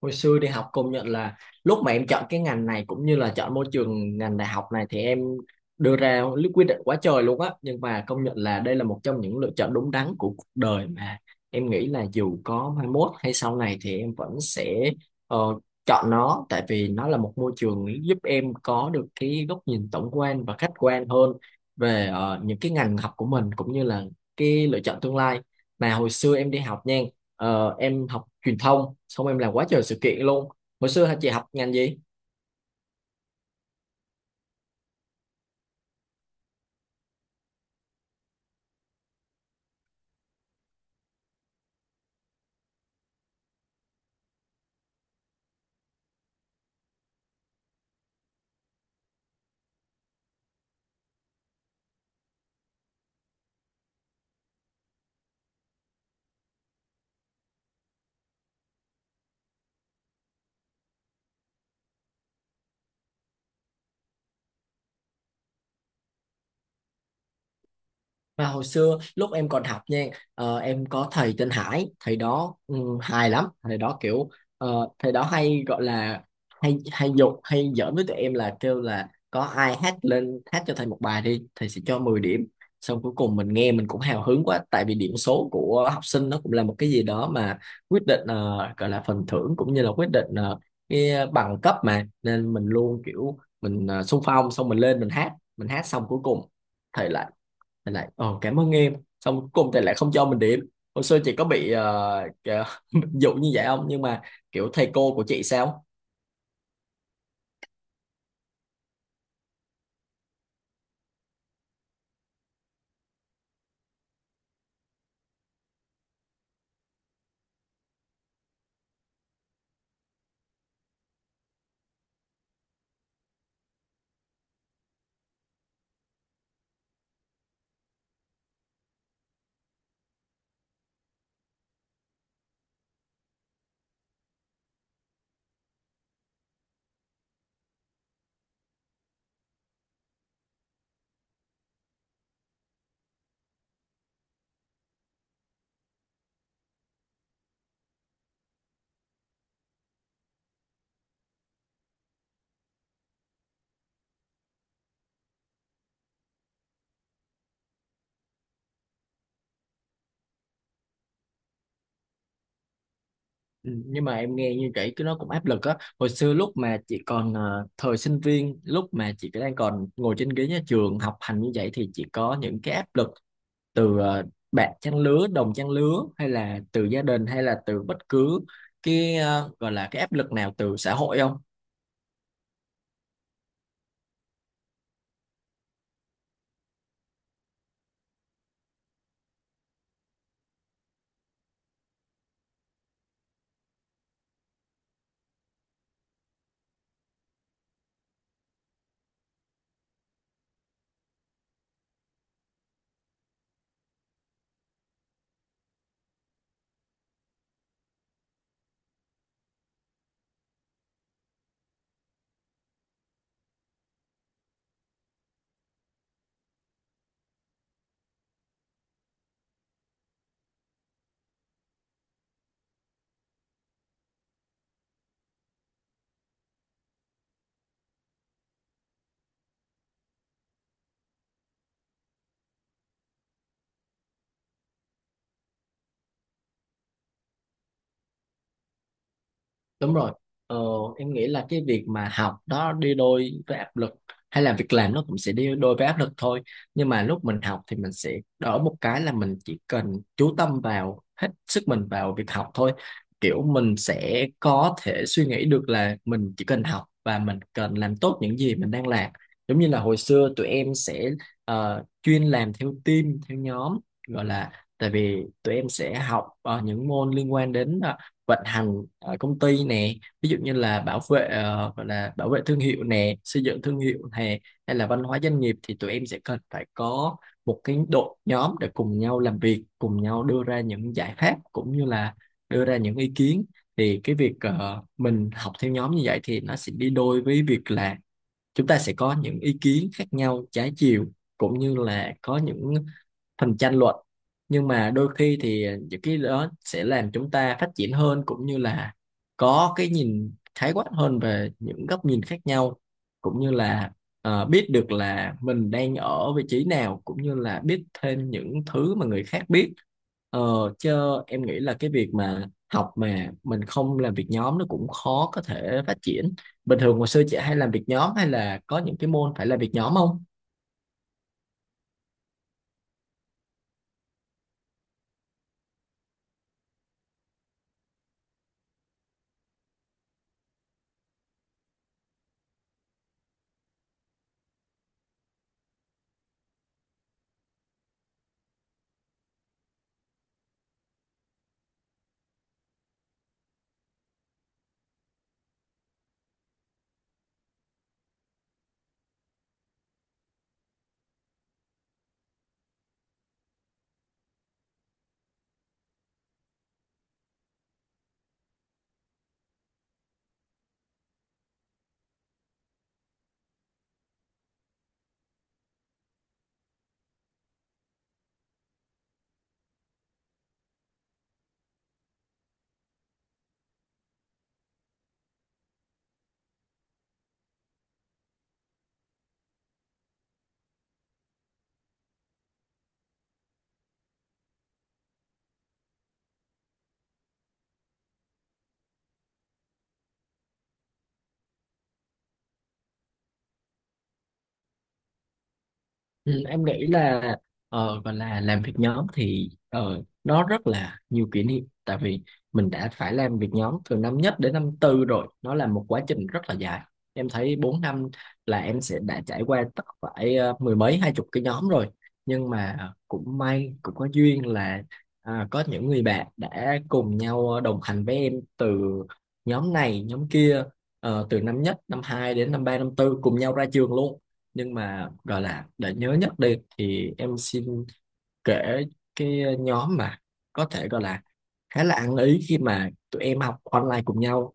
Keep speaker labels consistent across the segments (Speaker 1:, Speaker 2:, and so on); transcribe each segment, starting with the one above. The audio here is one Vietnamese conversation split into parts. Speaker 1: Hồi xưa đi học công nhận là lúc mà em chọn cái ngành này cũng như là chọn môi trường ngành đại học này thì em đưa ra quyết định quá trời luôn á, nhưng mà công nhận là đây là một trong những lựa chọn đúng đắn của cuộc đời mà em nghĩ là dù có mai mốt hay sau này thì em vẫn sẽ ờ, chọn nó, tại vì nó là một môi trường giúp em có được cái góc nhìn tổng quan và khách quan hơn về những cái ngành học của mình cũng như là cái lựa chọn tương lai mà hồi xưa em đi học nha. Ờ, em học truyền thông xong em làm quá trời sự kiện luôn. Hồi xưa hả chị, học ngành gì? Mà hồi xưa lúc em còn học nha, em có thầy tên Hải, thầy đó hài lắm, thầy đó kiểu thầy đó hay gọi là hay hay dục hay giỡn với tụi em, là kêu là có ai hát lên hát cho thầy một bài đi thầy sẽ cho 10 điểm. Xong cuối cùng mình nghe mình cũng hào hứng quá, tại vì điểm số của học sinh nó cũng là một cái gì đó mà quyết định gọi là phần thưởng cũng như là quyết định cái bằng cấp mà, nên mình luôn kiểu mình xung phong, xong mình lên mình hát. Mình hát xong cuối cùng thầy lại, thầy lại ờ cảm ơn em, xong cuối cùng thầy lại không cho mình điểm. Hồi xưa chị có bị dụ như vậy không, nhưng mà kiểu thầy cô của chị sao? Ừ, nhưng mà em nghe như vậy cái nó cũng áp lực á. Hồi xưa lúc mà chị còn thời sinh viên, lúc mà chị đang còn ngồi trên ghế nhà trường học hành như vậy, thì chị có những cái áp lực từ ờ, bạn trang lứa đồng trang lứa hay là từ gia đình, hay là từ bất cứ cái gọi là cái áp lực nào từ xã hội không? Đúng rồi. Ờ, em nghĩ là cái việc mà học đó đi đôi với áp lực, hay là việc làm nó cũng sẽ đi đôi với áp lực thôi. Nhưng mà lúc mình học thì mình sẽ đỡ một cái là mình chỉ cần chú tâm vào hết sức mình vào việc học thôi. Kiểu mình sẽ có thể suy nghĩ được là mình chỉ cần học và mình cần làm tốt những gì mình đang làm. Giống như là hồi xưa tụi em sẽ chuyên làm theo team, theo nhóm gọi là, tại vì tụi em sẽ học những môn liên quan đến vận hành ở công ty nè, ví dụ như là bảo vệ gọi là bảo vệ thương hiệu nè, xây dựng thương hiệu nè, hay là văn hóa doanh nghiệp, thì tụi em sẽ cần phải có một cái đội nhóm để cùng nhau làm việc, cùng nhau đưa ra những giải pháp cũng như là đưa ra những ý kiến. Thì cái việc mình học theo nhóm như vậy thì nó sẽ đi đôi với việc là chúng ta sẽ có những ý kiến khác nhau, trái chiều, cũng như là có những phần tranh luận, nhưng mà đôi khi thì những cái đó sẽ làm chúng ta phát triển hơn, cũng như là có cái nhìn khái quát hơn về những góc nhìn khác nhau, cũng như là biết được là mình đang ở vị trí nào cũng như là biết thêm những thứ mà người khác biết. ờ, Chứ em nghĩ là cái việc mà học mà mình không làm việc nhóm nó cũng khó có thể phát triển. Bình thường hồi xưa chị hay làm việc nhóm, hay là có những cái môn phải làm việc nhóm không? Ừ, em nghĩ là gọi là làm việc nhóm thì nó rất là nhiều kỷ niệm, tại vì mình đã phải làm việc nhóm từ năm nhất đến năm tư rồi, nó là một quá trình rất là dài. Em thấy 4 năm là em sẽ đã trải qua tất phải mười mấy hai chục cái nhóm rồi, nhưng mà cũng may cũng có duyên là à, có những người bạn đã cùng nhau đồng hành với em từ nhóm này nhóm kia, từ năm nhất năm hai đến năm ba năm tư, cùng nhau ra trường luôn. Nhưng mà gọi là để nhớ nhất đi thì em xin kể cái nhóm mà có thể gọi là khá là ăn ý khi mà tụi em học online cùng nhau.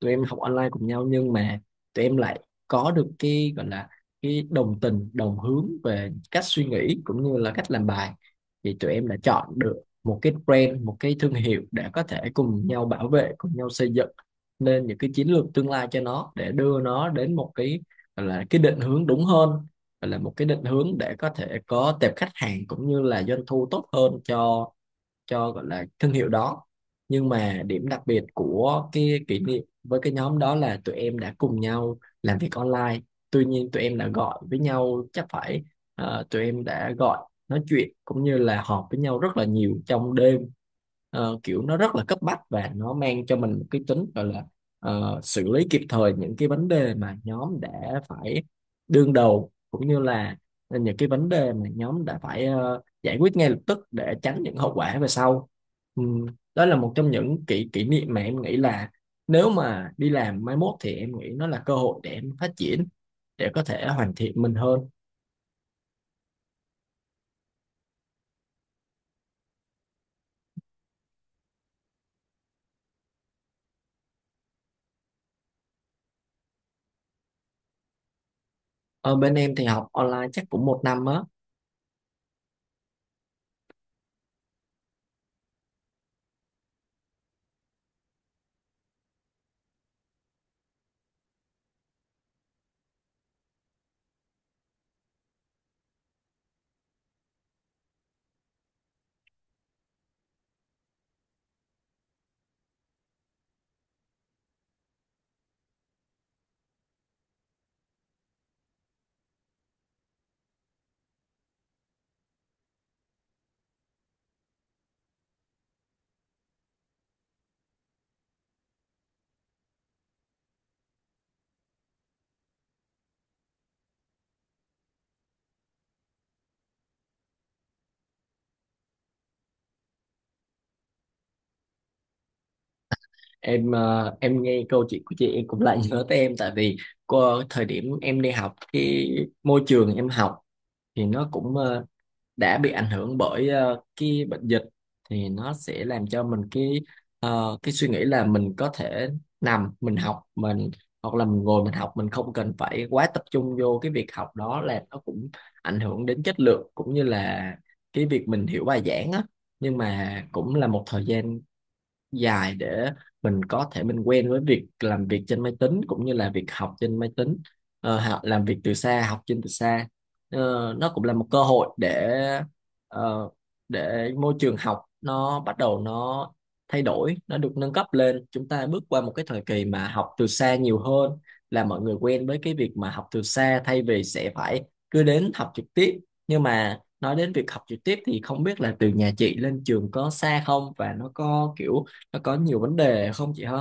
Speaker 1: Tụi em học online cùng nhau, nhưng mà tụi em lại có được cái gọi là cái đồng tình đồng hướng về cách suy nghĩ cũng như là cách làm bài, thì tụi em đã chọn được một cái brand, một cái thương hiệu, để có thể cùng nhau bảo vệ, cùng nhau xây dựng nên những cái chiến lược tương lai cho nó, để đưa nó đến một cái gọi là cái định hướng đúng hơn, gọi là một cái định hướng để có thể có tệp khách hàng cũng như là doanh thu tốt hơn cho gọi là thương hiệu đó. Nhưng mà điểm đặc biệt của cái kỷ niệm với cái nhóm đó là tụi em đã cùng nhau làm việc online, tuy nhiên tụi em đã gọi với nhau chắc phải ờ, tụi em đã gọi nói chuyện cũng như là họp với nhau rất là nhiều trong đêm. Ờ, kiểu nó rất là cấp bách và nó mang cho mình một cái tính gọi là xử lý kịp thời những cái vấn đề mà nhóm đã phải đương đầu, cũng như là những cái vấn đề mà nhóm đã phải giải quyết ngay lập tức để tránh những hậu quả về sau. Ừm, đó là một trong những kỷ kỷ niệm mà em nghĩ là nếu mà đi làm mai mốt thì em nghĩ nó là cơ hội để em phát triển, để có thể hoàn thiện mình hơn. Ở bên em thì học online chắc cũng một năm á. Em em nghe câu chuyện của chị em cũng lại nhớ tới em, tại vì thời điểm em đi học cái môi trường em học thì nó cũng đã bị ảnh hưởng bởi cái bệnh dịch, thì nó sẽ làm cho mình cái cái suy nghĩ là mình có thể nằm mình học mình, hoặc là mình ngồi mình học mình, không cần phải quá tập trung vô cái việc học, đó là nó cũng ảnh hưởng đến chất lượng cũng như là cái việc mình hiểu bài giảng á. Nhưng mà cũng là một thời gian dài để mình có thể mình quen với việc làm việc trên máy tính cũng như là việc học trên máy tính. Ờ, làm việc từ xa, học trên từ xa. Ờ, nó cũng là một cơ hội để ờ, để môi trường học nó bắt đầu nó thay đổi, nó được nâng cấp lên, chúng ta bước qua một cái thời kỳ mà học từ xa nhiều hơn, là mọi người quen với cái việc mà học từ xa thay vì sẽ phải cứ đến học trực tiếp. Nhưng mà nói đến việc học trực tiếp thì không biết là từ nhà chị lên trường có xa không, và nó có kiểu nó có nhiều vấn đề không chị hả?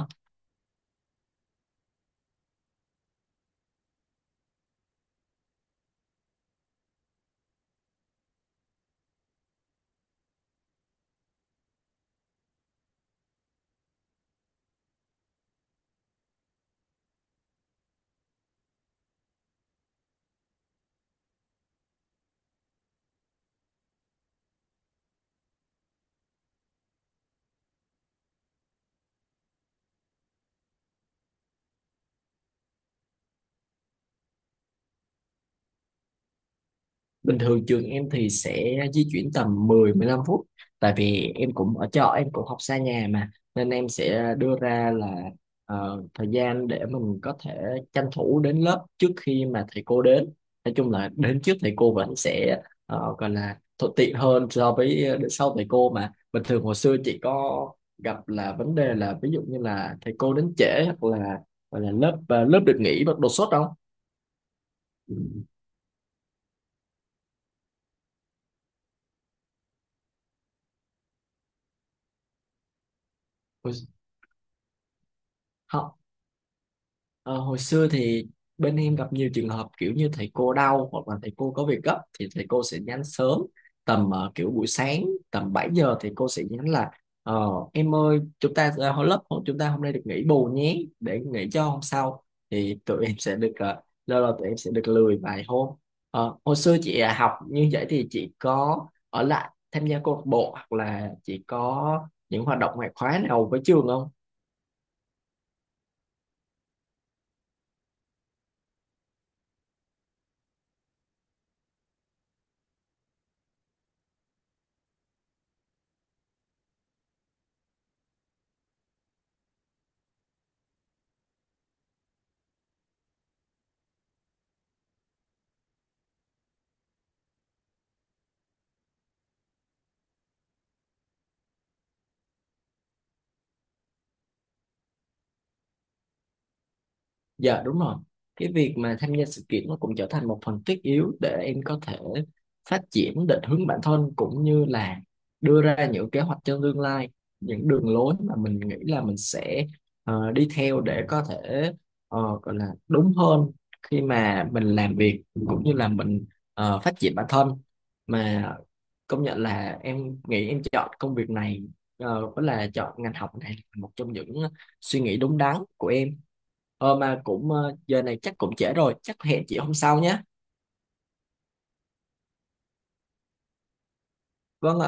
Speaker 1: Bình thường trường em thì sẽ di chuyển tầm 10-15 phút, tại vì em cũng ở trọ em cũng học xa nhà mà, nên em sẽ đưa ra là thời gian để mình có thể tranh thủ đến lớp trước khi mà thầy cô đến, nói chung là đến trước thầy cô vẫn sẽ gọi là thuận tiện hơn so với đến sau thầy cô. Mà bình thường hồi xưa chị có gặp là vấn đề là ví dụ như là thầy cô đến trễ, hoặc là lớp lớp được nghỉ đột xuất không? Ừ. Ôi, không. Ờ, hồi xưa thì bên em gặp nhiều trường hợp kiểu như thầy cô đau, hoặc là thầy cô có việc gấp thì thầy cô sẽ nhắn sớm tầm kiểu buổi sáng tầm 7 giờ thì cô sẽ nhắn là em ơi, chúng ta hồi lớp chúng ta hôm nay được nghỉ bù nhé, để nghỉ cho hôm sau. Thì tụi em sẽ được lâu lâu tụi em sẽ được lười vài hôm. Ờ, hồi xưa chị học như vậy thì chị có ở lại tham gia câu lạc bộ, hoặc là chị có những hoạt động ngoại khóa nào với trường không? Dạ đúng rồi. Cái việc mà tham gia sự kiện nó cũng trở thành một phần thiết yếu để em có thể phát triển định hướng bản thân, cũng như là đưa ra những kế hoạch cho tương lai, những đường lối mà mình nghĩ là mình sẽ đi theo để có thể gọi là đúng hơn khi mà mình làm việc cũng như là mình phát triển bản thân. Mà công nhận là em nghĩ em chọn công việc này với là chọn ngành học này là một trong những suy nghĩ đúng đắn của em. Ờ mà cũng giờ này chắc cũng trễ rồi, chắc hẹn chị hôm sau nhé. Vâng ạ.